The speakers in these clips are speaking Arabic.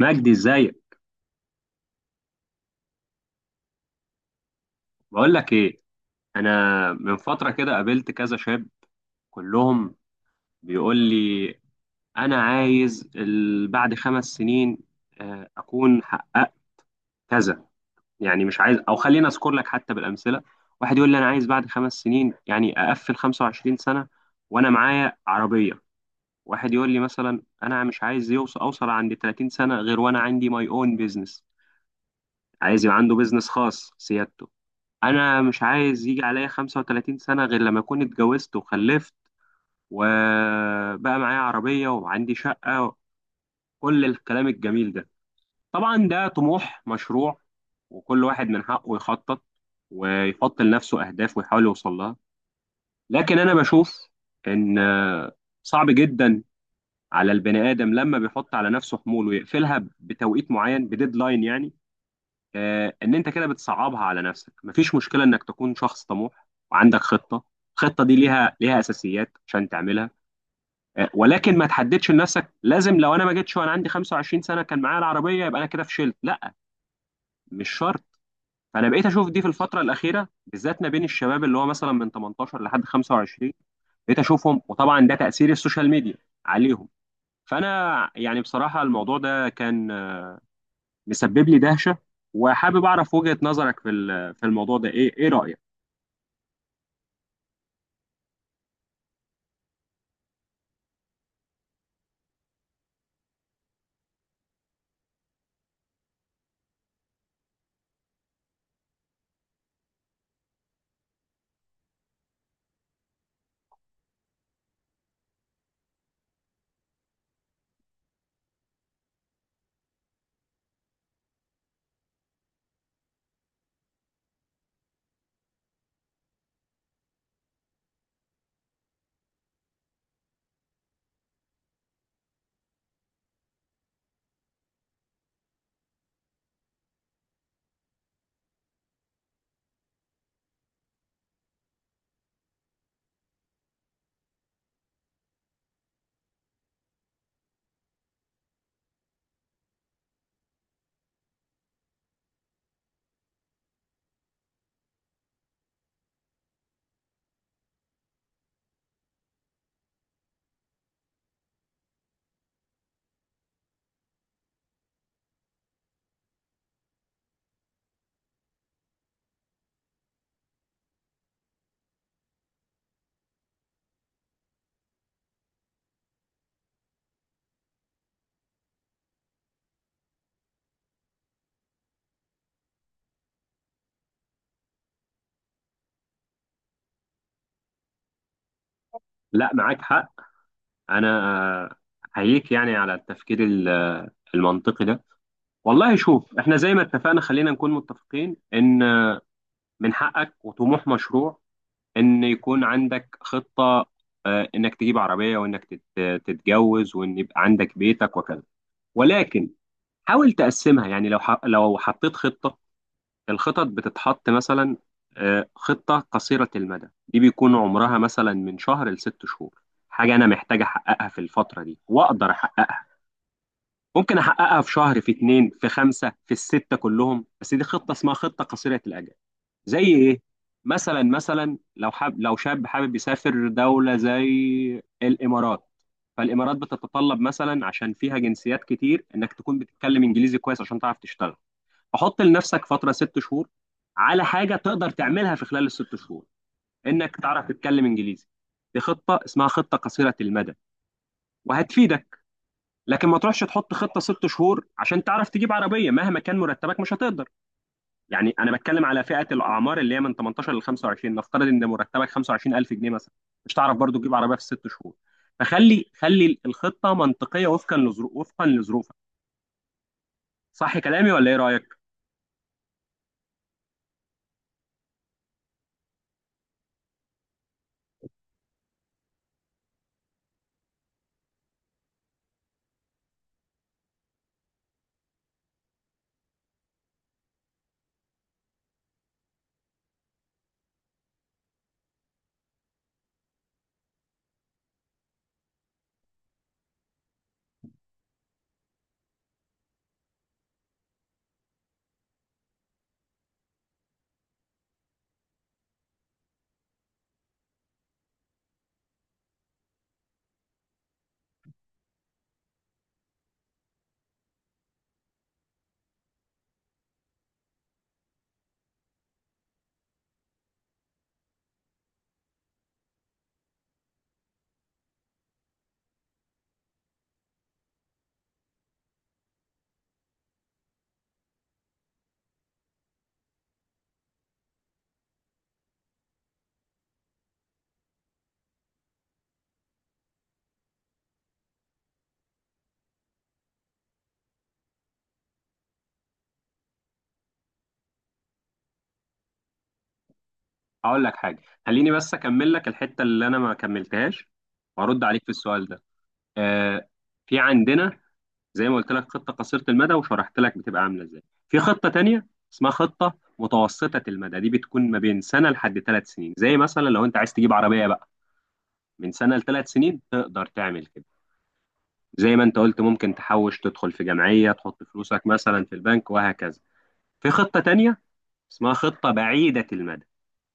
مجدي، ازيك؟ بقول لك ايه. انا من فتره كده قابلت كذا شاب. كلهم بيقول لي انا عايز بعد 5 سنين اكون حققت كذا. يعني مش عايز، او خلينا اذكر لك حتى بالامثله. واحد يقول لي انا عايز بعد 5 سنين، يعني اقفل 25 سنه وانا معايا عربيه. واحد يقول لي مثلا انا مش عايز اوصل عند 30 سنه غير وانا عندي ماي اون بيزنس، عايز يبقى عنده بيزنس خاص سيادته. انا مش عايز يجي عليا 35 سنة غير لما اكون اتجوزت وخلفت وبقى معايا عربية وعندي شقة، كل الكلام الجميل ده. طبعا ده طموح مشروع، وكل واحد من حقه يخطط ويحط لنفسه اهداف ويحاول يوصل لها. لكن انا بشوف ان صعب جدا على البني ادم لما بيحط على نفسه حمول ويقفلها بتوقيت معين، بديدلاين يعني. ان انت كده بتصعبها على نفسك. مفيش مشكله انك تكون شخص طموح وعندك خطه، الخطه دي ليها اساسيات عشان تعملها، ولكن ما تحددش لنفسك. لازم لو انا ما جيتش وانا عندي 25 سنه كان معايا العربيه يبقى انا كده فشلت، لا، مش شرط. فانا بقيت اشوف دي في الفتره الاخيره بالذات ما بين الشباب اللي هو مثلا من 18 لحد 25، بقيت اشوفهم، وطبعا ده تاثير السوشيال ميديا عليهم. فانا يعني بصراحه الموضوع ده كان مسبب لي دهشه، وحابب اعرف وجهه نظرك في في الموضوع ده، ايه رايك؟ لا، معاك حق. انا احييك يعني على التفكير المنطقي ده. والله شوف، احنا زي ما اتفقنا خلينا نكون متفقين ان من حقك وطموح مشروع ان يكون عندك خطة، انك تجيب عربية وانك تتجوز وان يبقى عندك بيتك وكذا. ولكن حاول تقسمها. يعني لو حطيت خطة، الخطط بتتحط مثلا خطة قصيرة المدى، دي بيكون عمرها مثلا من شهر ل6 شهور، حاجة أنا محتاج أحققها في الفترة دي وأقدر أحققها. ممكن أحققها في شهر، في اتنين، في خمسة، في الستة كلهم، بس دي خطة اسمها خطة قصيرة الأجل. زي إيه؟ مثلا لو شاب حابب يسافر دولة زي الإمارات. فالإمارات بتتطلب مثلا عشان فيها جنسيات كتير إنك تكون بتتكلم إنجليزي كويس عشان تعرف تشتغل. حط لنفسك فتره 6 شهور على حاجه تقدر تعملها في خلال ال6 شهور، انك تعرف تتكلم انجليزي. دي خطه اسمها خطه قصيره المدى وهتفيدك. لكن ما تروحش تحط خطه 6 شهور عشان تعرف تجيب عربيه، مهما كان مرتبك مش هتقدر. يعني انا بتكلم على فئه الاعمار اللي هي من 18 ل 25، نفترض ان مرتبك 25000 جنيه مثلا، مش تعرف برضو تجيب عربيه في ال6 شهور. فخلي الخطه منطقيه وفقا لظروفك. صح كلامي ولا ايه رايك؟ هقول لك حاجه، خليني بس اكمل لك الحته اللي انا ما كملتهاش وارد عليك في السؤال ده. آه في عندنا زي ما قلت لك خطه قصيره المدى وشرحت لك بتبقى عامله ازاي. في خطه تانية اسمها خطه متوسطه المدى، دي بتكون ما بين سنه لحد 3 سنين. زي مثلا لو انت عايز تجيب عربيه بقى، من سنه ل3 سنين تقدر تعمل كده، زي ما انت قلت ممكن تحوش، تدخل في جمعيه، تحط فلوسك مثلا في البنك، وهكذا. في خطه تانية اسمها خطه بعيده المدى،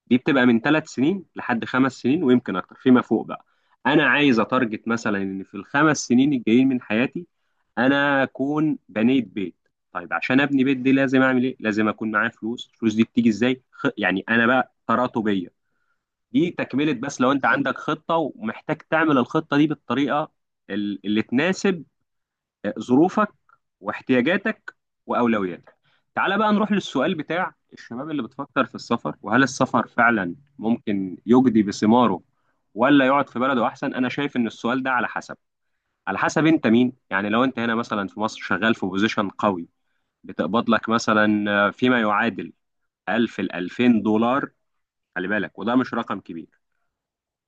دي بتبقى من 3 سنين لحد 5 سنين، ويمكن اكتر فيما فوق. بقى انا عايز اتارجت مثلا ان في ال5 سنين الجايين من حياتي انا اكون بنيت بيت. طيب عشان ابني بيت دي لازم اعمل ايه؟ لازم اكون معايا فلوس. الفلوس دي بتيجي ازاي؟ يعني انا بقى تراتبيه. دي تكمله، بس لو انت عندك خطه ومحتاج تعمل الخطه دي بالطريقه اللي تناسب ظروفك واحتياجاتك واولوياتك. تعال بقى نروح للسؤال بتاع الشباب اللي بتفكر في السفر، وهل السفر فعلا ممكن يجدي بثماره ولا يقعد في بلده احسن. انا شايف ان السؤال ده على حسب انت مين. يعني لو انت هنا مثلا في مصر شغال في بوزيشن قوي، بتقبض لك مثلا فيما يعادل 1000 ل 2000 دولار. خلي بالك وده مش رقم كبير.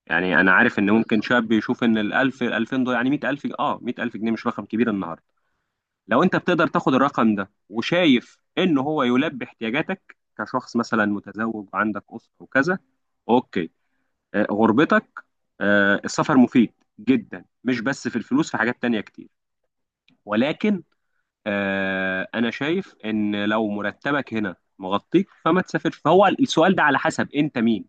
يعني انا عارف ان ممكن شاب يشوف ان ال 1000 2000 دولار يعني 100000 جنيه مش رقم كبير النهارده. لو انت بتقدر تاخد الرقم ده وشايف ان هو يلبي احتياجاتك كشخص مثلا متزوج وعندك اسره وكذا، اوكي، غربتك، السفر مفيد جدا، مش بس في الفلوس، في حاجات تانية كتير. ولكن انا شايف ان لو مرتبك هنا مغطيك فما تسافرش. فهو السؤال ده على حسب انت مين.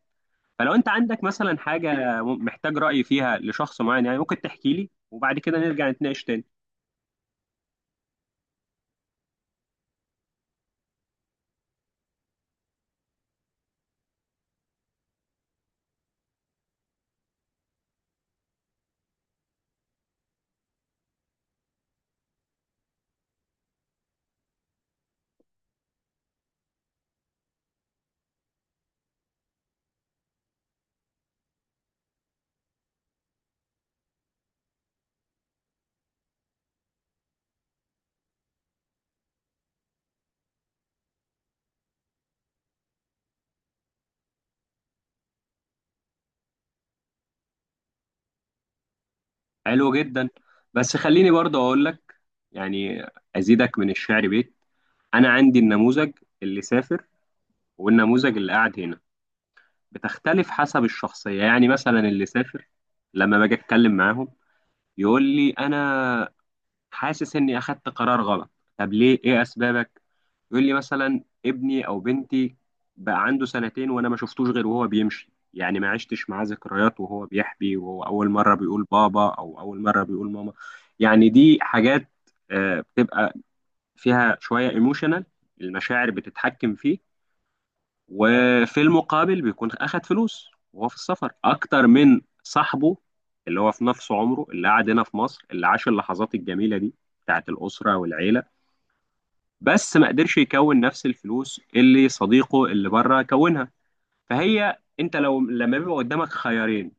فلو انت عندك مثلا حاجة محتاج رأي فيها لشخص معين يعني ممكن تحكي لي وبعد كده نرجع نتناقش تاني. حلو جدا. بس خليني برضه اقول لك، يعني ازيدك من الشعر بيت. انا عندي النموذج اللي سافر والنموذج اللي قاعد هنا، بتختلف حسب الشخصية. يعني مثلا اللي سافر لما باجي اتكلم معاهم يقول لي انا حاسس اني اخدت قرار غلط. طب ليه؟ ايه اسبابك؟ يقول لي مثلا ابني او بنتي بقى عنده 2 سنين وانا ما شفتوش غير وهو بيمشي، يعني ما عشتش معاه ذكريات وهو بيحبي وهو اول مره بيقول بابا او اول مره بيقول ماما. يعني دي حاجات بتبقى فيها شويه ايموشنال، المشاعر بتتحكم فيه. وفي المقابل بيكون أخد فلوس وهو في السفر أكتر من صاحبه اللي هو في نفس عمره اللي قعد هنا في مصر اللي عاش اللحظات الجميلة دي بتاعت الأسرة والعيلة، بس ما قدرش يكون نفس الفلوس اللي صديقه اللي بره كونها. فهي أنت لو لما بيبقى قدامك خيارين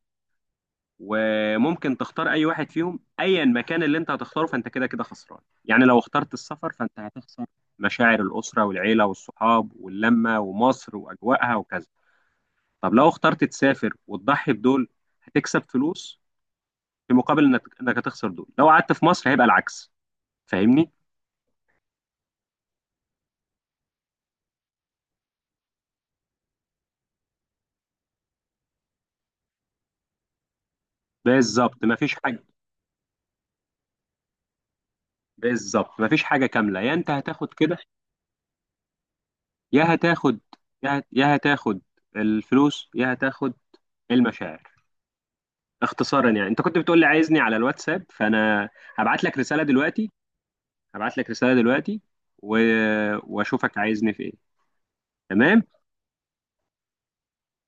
وممكن تختار أي واحد فيهم، أيا مكان اللي أنت هتختاره فأنت كده كده خسران. يعني لو اخترت السفر فأنت هتخسر مشاعر الأسرة والعيلة والصحاب واللمة ومصر وأجواءها وكذا. طب لو اخترت تسافر وتضحي بدول هتكسب فلوس، في مقابل انك هتخسر دول. لو قعدت في مصر هيبقى العكس. فاهمني؟ بالظبط مفيش حاجه بالظبط مفيش حاجه كامله. يا انت هتاخد كده، يا هتاخد يا هتاخد الفلوس، يا هتاخد المشاعر. اختصارا يعني انت كنت بتقول لي عايزني على الواتساب، فانا هبعت لك رساله دلوقتي هبعت لك رساله دلوقتي و... واشوفك عايزني في ايه. تمام.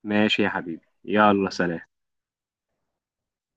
ماشي يا حبيبي، يلا، سلام.